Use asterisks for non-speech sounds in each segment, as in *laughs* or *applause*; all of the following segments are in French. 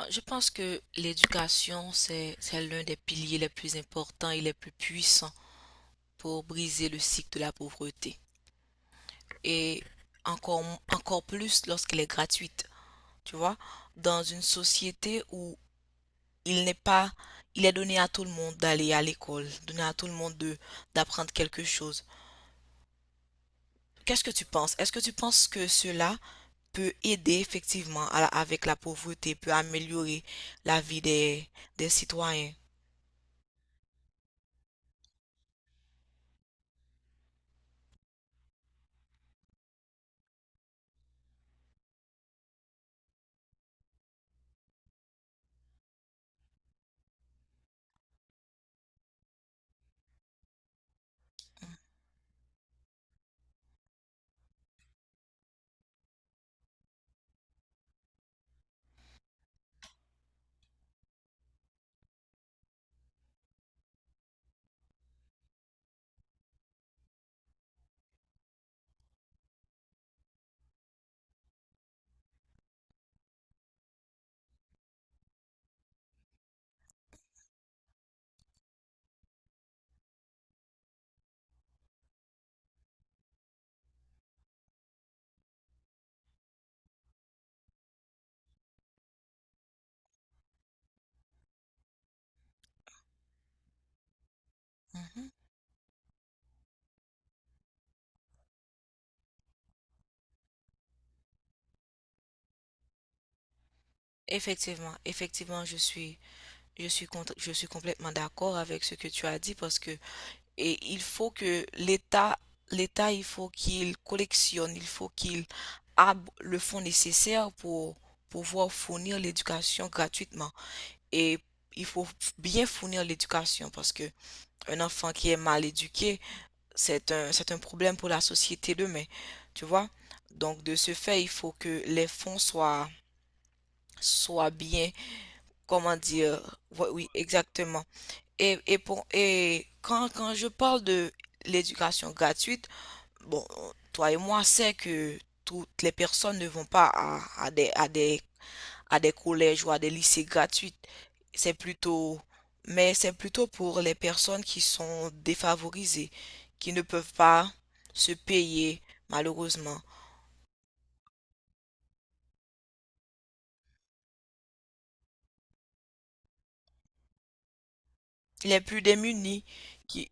Je pense que l'éducation, c'est l'un des piliers les plus importants et les plus puissants pour briser le cycle de la pauvreté. Et encore, encore plus lorsqu'elle est gratuite, tu vois, dans une société où il n'est pas, il est donné à tout le monde d'aller à l'école, donné à tout le monde d'apprendre quelque chose. Qu'est-ce que tu penses? Est-ce que tu penses que cela peut aider effectivement avec la pauvreté, peut améliorer la vie des citoyens? Mhm. Effectivement, effectivement, je suis complètement d'accord avec ce que tu as dit parce que et il faut que l'État, l'État, il faut qu'il collectionne, il faut qu'il a le fonds nécessaire pour pouvoir fournir l'éducation gratuitement. Et il faut bien fournir l'éducation parce que un enfant qui est mal éduqué, c'est un problème pour la société demain, tu vois. Donc, de ce fait, il faut que les fonds soient bien, comment dire, oui, oui, exactement. Et quand je parle de l'éducation gratuite, bon, toi et moi, c'est que toutes les personnes ne vont pas à des à des collèges ou à des lycées gratuits. C'est plutôt, mais c'est plutôt pour les personnes qui sont défavorisées, qui ne peuvent pas se payer, malheureusement. Les plus démunis qui,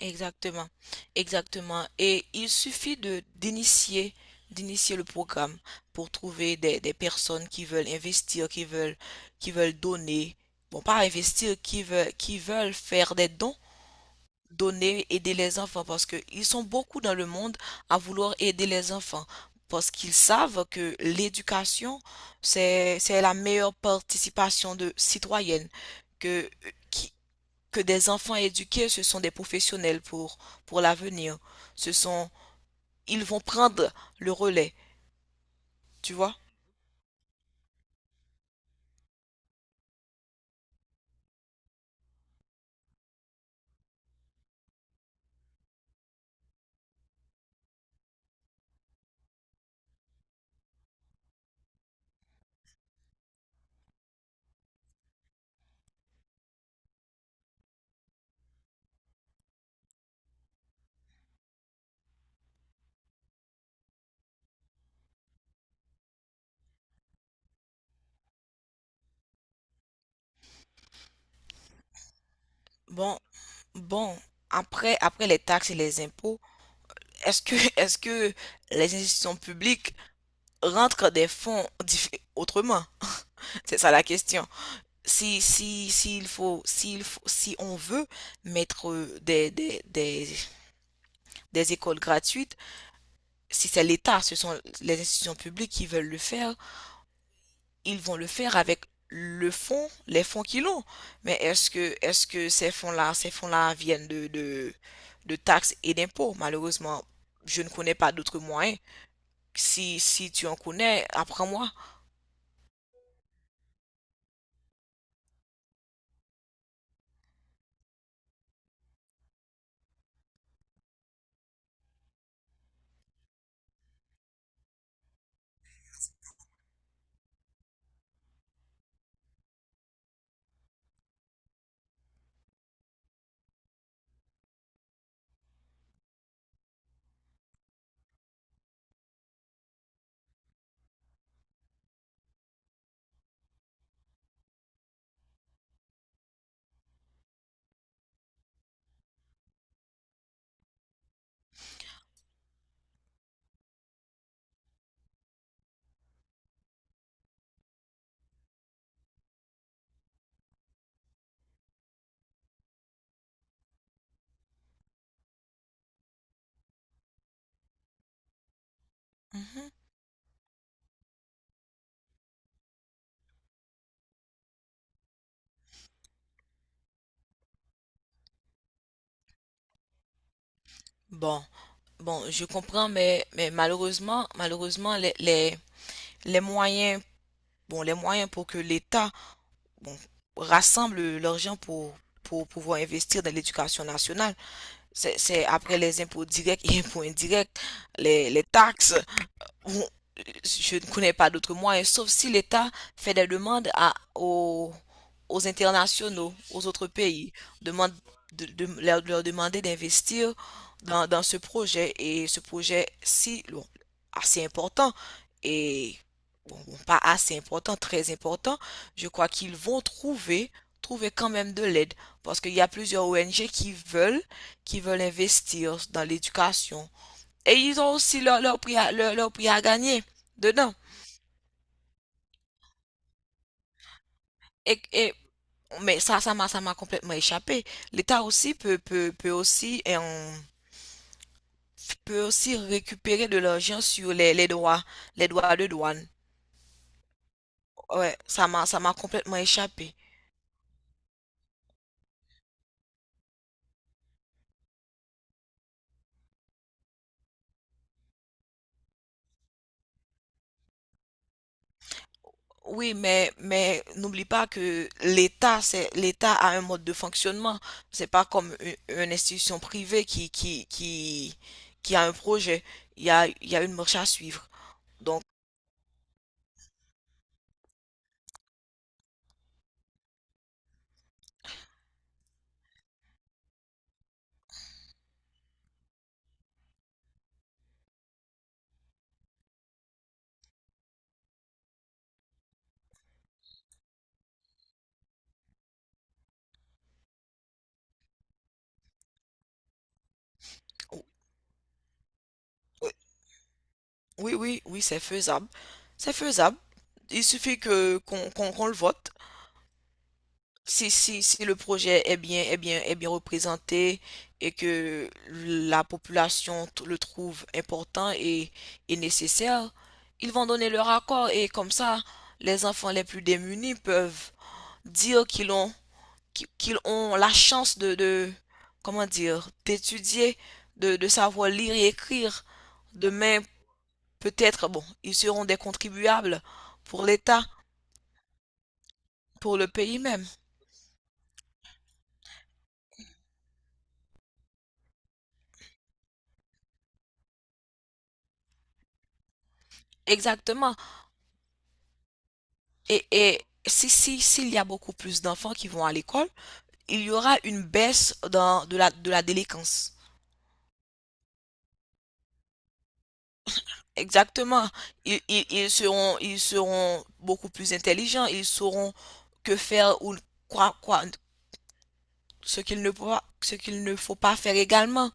exactement, exactement. Et il suffit de d'initier le programme pour trouver des personnes qui veulent investir, qui veulent donner. Bon, pas investir, qui veulent faire des dons donner, aider les enfants parce que ils sont beaucoup dans le monde à vouloir aider les enfants parce qu'ils savent que l'éducation, c'est la meilleure participation de citoyenne que, qui- que des enfants éduqués, ce sont des professionnels pour l'avenir. Ce sont, ils vont prendre le relais, tu vois? Bon, bon, après, après les taxes et les impôts, *laughs* est-ce que les institutions publiques rentrent des fonds autrement? C'est ça la question. Si, si, s'il faut, si on veut mettre des écoles gratuites, si c'est l'État, ce sont les institutions publiques qui veulent le faire, ils vont le faire avec le fonds, les fonds qu'ils ont. Mais est-ce que ces fonds-là viennent de taxes et d'impôts? Malheureusement, je ne connais pas d'autres moyens. Si tu en connais, apprends-moi. Mhm. Bon, bon, je comprends, mais malheureusement, malheureusement, les moyens, bon, les moyens pour que l'État, bon, rassemble l'argent pour pouvoir investir dans l'éducation nationale. C'est, après les impôts directs et impôts indirects, les taxes, je ne connais pas d'autres moyens, sauf si l'État fait des demandes aux, aux internationaux, aux autres pays, demande leur demander d'investir dans ce projet et ce projet si assez important et bon, bon, pas assez important, très important, je crois qu'ils vont trouver trouver quand même de l'aide parce qu'il y a plusieurs ONG qui veulent investir dans l'éducation, et ils ont aussi prix, leur prix à gagner dedans. Et, et, mais ça, ça m'a complètement échappé. L'État aussi peut aussi, et on peut aussi récupérer de l'argent sur les droits de douane. Ouais, ça m'a complètement échappé. Oui, mais n'oublie pas que l'État, c'est, l'État a un mode de fonctionnement. C'est pas comme une institution privée qui a un projet. Il y a une marche à suivre. Donc, oui, oui, oui, c'est faisable. C'est faisable. Il suffit que qu'on le vote. Si le projet est bien, est bien, est bien représenté et que la population le trouve important et nécessaire, ils vont donner leur accord et comme ça, les enfants les plus démunis peuvent dire qu'ils ont, qu'ils ont la chance comment dire, d'étudier, de savoir lire et écrire. Demain, peut-être, bon, ils seront des contribuables pour l'État, pour le pays même. Exactement. Et, si, s'il y a beaucoup plus d'enfants qui vont à l'école, il y aura une baisse de la délinquance. Exactement. Ils seront beaucoup plus intelligents. Ils sauront que faire ou quoi, quoi, ce qu'il ne faut pas faire également.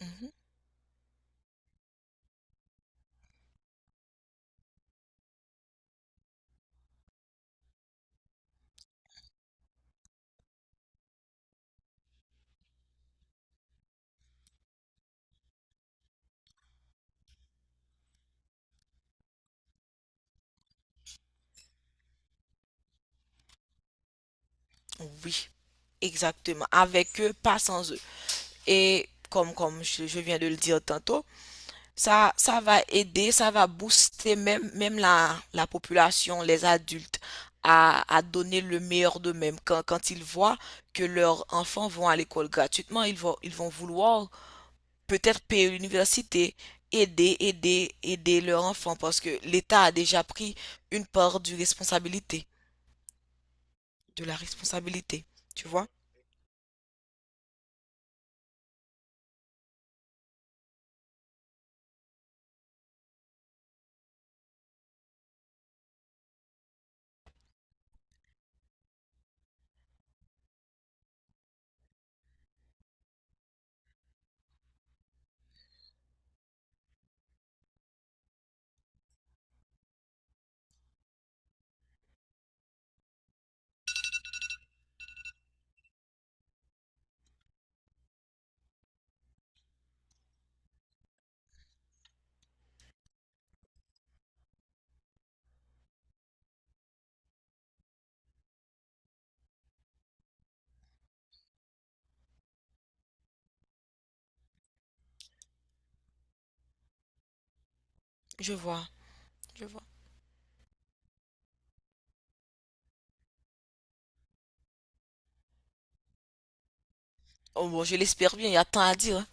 Mhm. Oui, exactement. Avec eux, pas sans eux. Et comme je viens de le dire tantôt, ça va aider, ça va booster même, même la population, les adultes, à donner le meilleur d'eux-mêmes. Quand ils voient que leurs enfants vont à l'école gratuitement, ils vont vouloir peut-être payer l'université, aider leurs enfants, parce que l'État a déjà pris une part du responsabilité, de la responsabilité. Tu vois? Je vois, je vois. Oh, bon, je l'espère bien, il y a tant à dire. Hein.